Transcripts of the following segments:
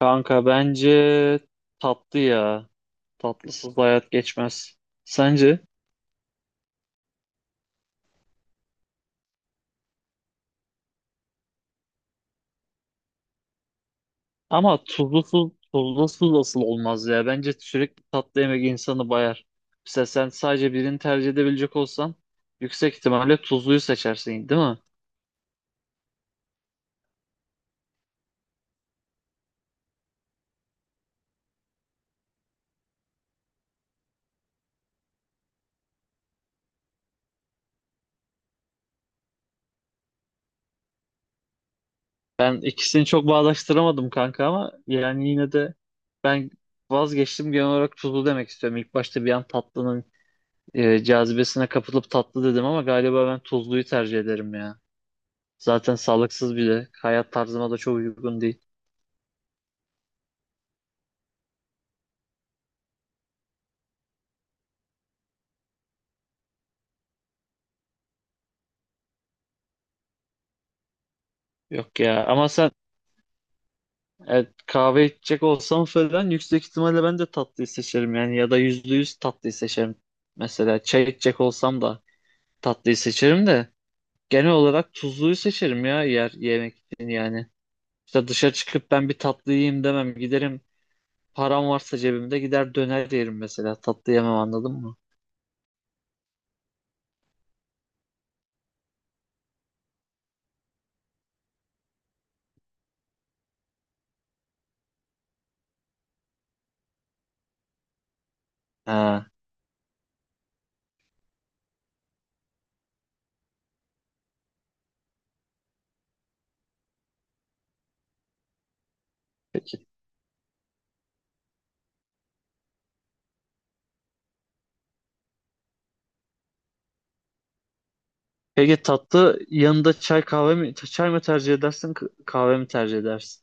Kanka bence tatlı ya. Tatlısız hayat geçmez. Sence? Ama tuzlusuz asıl olmaz ya. Bence sürekli tatlı yemek insanı bayar. Mesela sen sadece birini tercih edebilecek olsan yüksek ihtimalle tuzluyu seçersin, değil mi? Ben ikisini çok bağdaştıramadım kanka ama yani yine de ben vazgeçtim, genel olarak tuzlu demek istiyorum. İlk başta bir an tatlının cazibesine kapılıp tatlı dedim ama galiba ben tuzluyu tercih ederim ya. Zaten sağlıksız bile. Hayat tarzıma da çok uygun değil. Yok ya, ama sen, evet, kahve içecek olsam falan yüksek ihtimalle ben de tatlıyı seçerim, yani ya da yüzde yüz tatlıyı seçerim. Mesela çay içecek olsam da tatlıyı seçerim de genel olarak tuzluyu seçerim ya, yer yemek için yani. İşte dışarı çıkıp ben bir tatlı yiyeyim demem, giderim, param varsa cebimde gider döner yerim mesela, tatlı yemem, anladın mı? Ha. Peki. Peki tatlı yanında çay kahve mi, çay mı tercih edersin, kahve mi tercih edersin?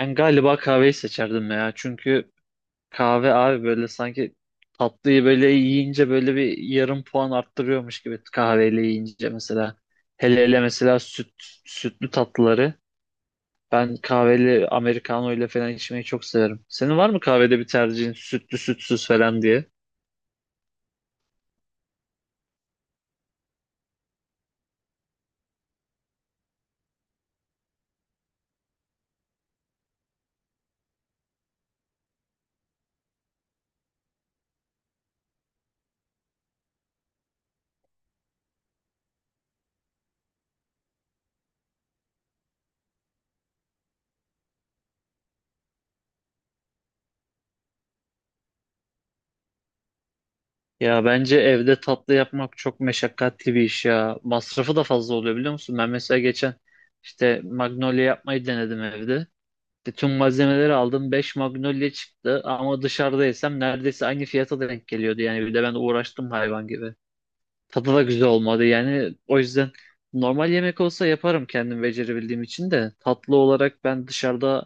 Ben galiba kahveyi seçerdim ya. Çünkü kahve abi böyle sanki tatlıyı böyle yiyince böyle bir yarım puan arttırıyormuş gibi, kahveyle yiyince mesela. Hele hele mesela sütlü tatlıları. Ben kahveli americano ile falan içmeyi çok severim. Senin var mı kahvede bir tercihin, sütlü sütsüz falan diye? Ya bence evde tatlı yapmak çok meşakkatli bir iş ya. Masrafı da fazla oluyor, biliyor musun? Ben mesela geçen işte magnolia yapmayı denedim evde. Bütün malzemeleri aldım. Beş magnolia çıktı ama dışarıda yesem neredeyse aynı fiyata denk geliyordu. Yani bir de ben uğraştım hayvan gibi. Tadı da güzel olmadı yani. O yüzden normal yemek olsa yaparım kendim, becerebildiğim için de. Tatlı olarak ben dışarıda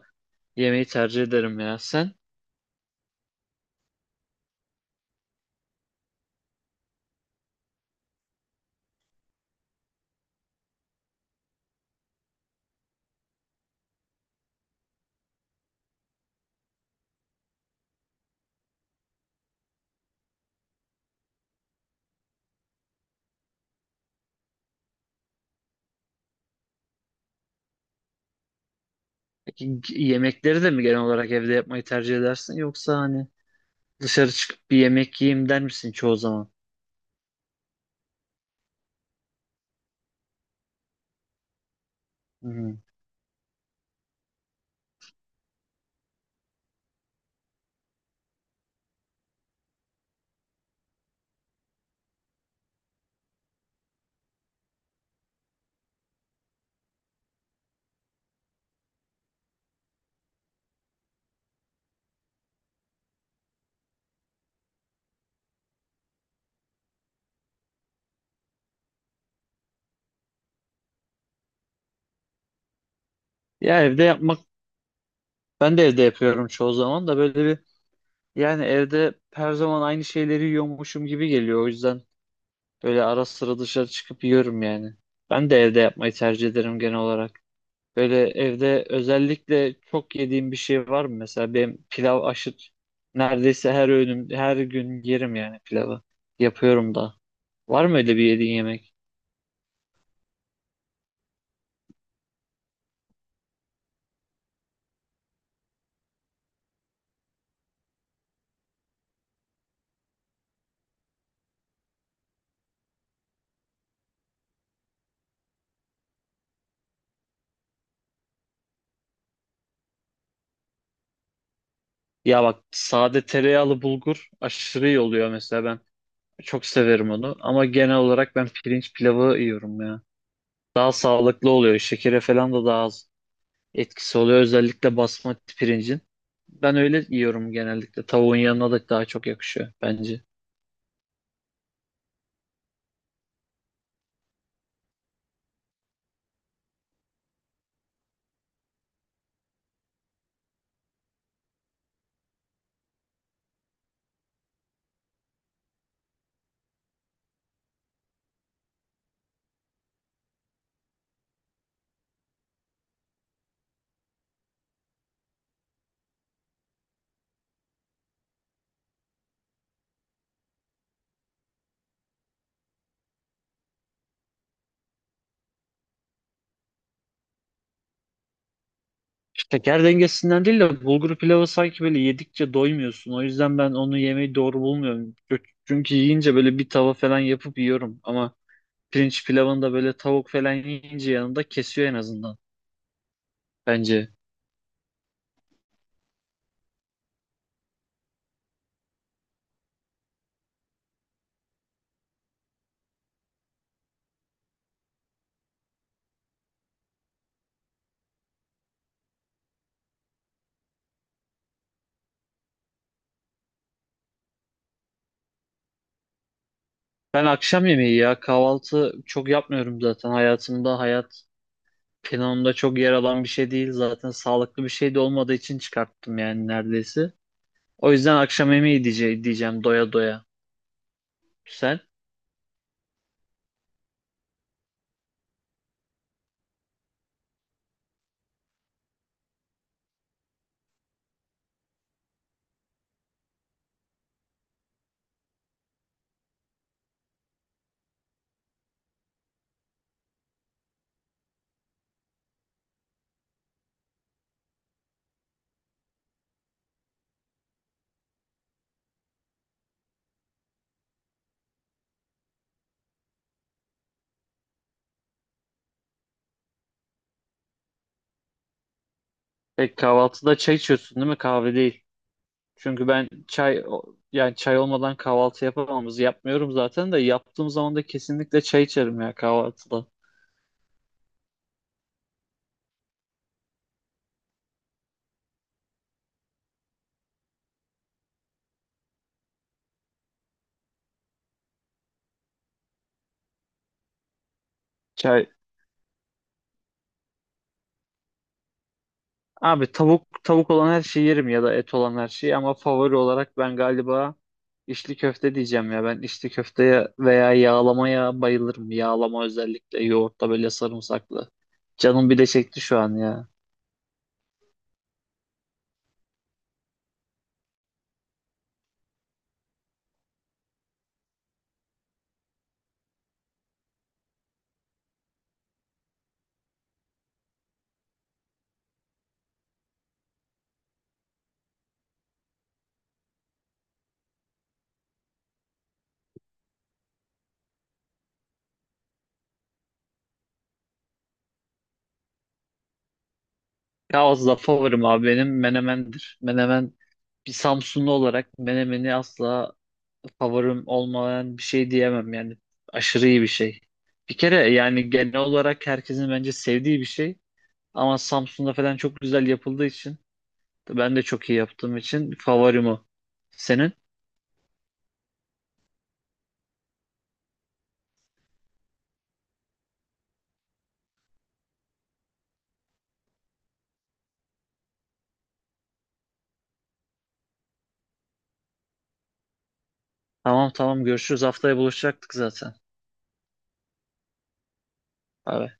yemeği tercih ederim ya. Sen? Peki yemekleri de mi genel olarak evde yapmayı tercih edersin, yoksa hani dışarı çıkıp bir yemek yiyeyim der misin çoğu zaman? Hı. Ya evde yapmak, ben de evde yapıyorum çoğu zaman da böyle bir, yani evde her zaman aynı şeyleri yiyormuşum gibi geliyor. O yüzden böyle ara sıra dışarı çıkıp yiyorum yani. Ben de evde yapmayı tercih ederim genel olarak. Böyle evde özellikle çok yediğim bir şey var mı? Mesela benim pilav aşırı, neredeyse her öğünüm her gün yerim yani pilavı. Yapıyorum da. Var mı öyle bir yediğin yemek? Ya bak, sade tereyağlı bulgur aşırı iyi oluyor mesela. Ben çok severim onu ama genel olarak ben pirinç pilavı yiyorum ya. Daha sağlıklı oluyor. Şekere falan da daha az etkisi oluyor, özellikle basmati pirincin. Ben öyle yiyorum genellikle. Tavuğun yanına da daha çok yakışıyor bence. Şeker dengesinden değil de, bulgur pilavı sanki böyle yedikçe doymuyorsun. O yüzden ben onu yemeyi doğru bulmuyorum. Çünkü yiyince böyle bir tava falan yapıp yiyorum. Ama pirinç pilavını da böyle tavuk falan yiyince yanında kesiyor en azından, bence. Ben akşam yemeği ya, kahvaltı çok yapmıyorum zaten hayat planımda çok yer alan bir şey değil zaten, sağlıklı bir şey de olmadığı için çıkarttım yani neredeyse. O yüzden akşam yemeği diyeceğim doya doya. Sen? Pek kahvaltıda çay içiyorsun değil mi, kahve değil. Çünkü ben çay yani çay olmadan kahvaltı yapmıyorum zaten, de yaptığım zaman da kesinlikle çay içerim ya kahvaltıda. Çay. Abi tavuk olan her şeyi yerim ya da et olan her şeyi, ama favori olarak ben galiba içli köfte diyeceğim ya. Ben içli köfteye veya yağlamaya bayılırım. Yağlama özellikle yoğurtla böyle sarımsaklı. Canım bir de çekti şu an ya. Ya az da favorim abi benim, menemendir. Menemen, bir Samsunlu olarak menemeni asla favorim olmayan bir şey diyemem yani. Aşırı iyi bir şey. Bir kere yani genel olarak herkesin bence sevdiği bir şey. Ama Samsun'da falan çok güzel yapıldığı için, ben de çok iyi yaptığım için favorim o. Senin? Tamam tamam, görüşürüz. Haftaya buluşacaktık zaten. Bay bay.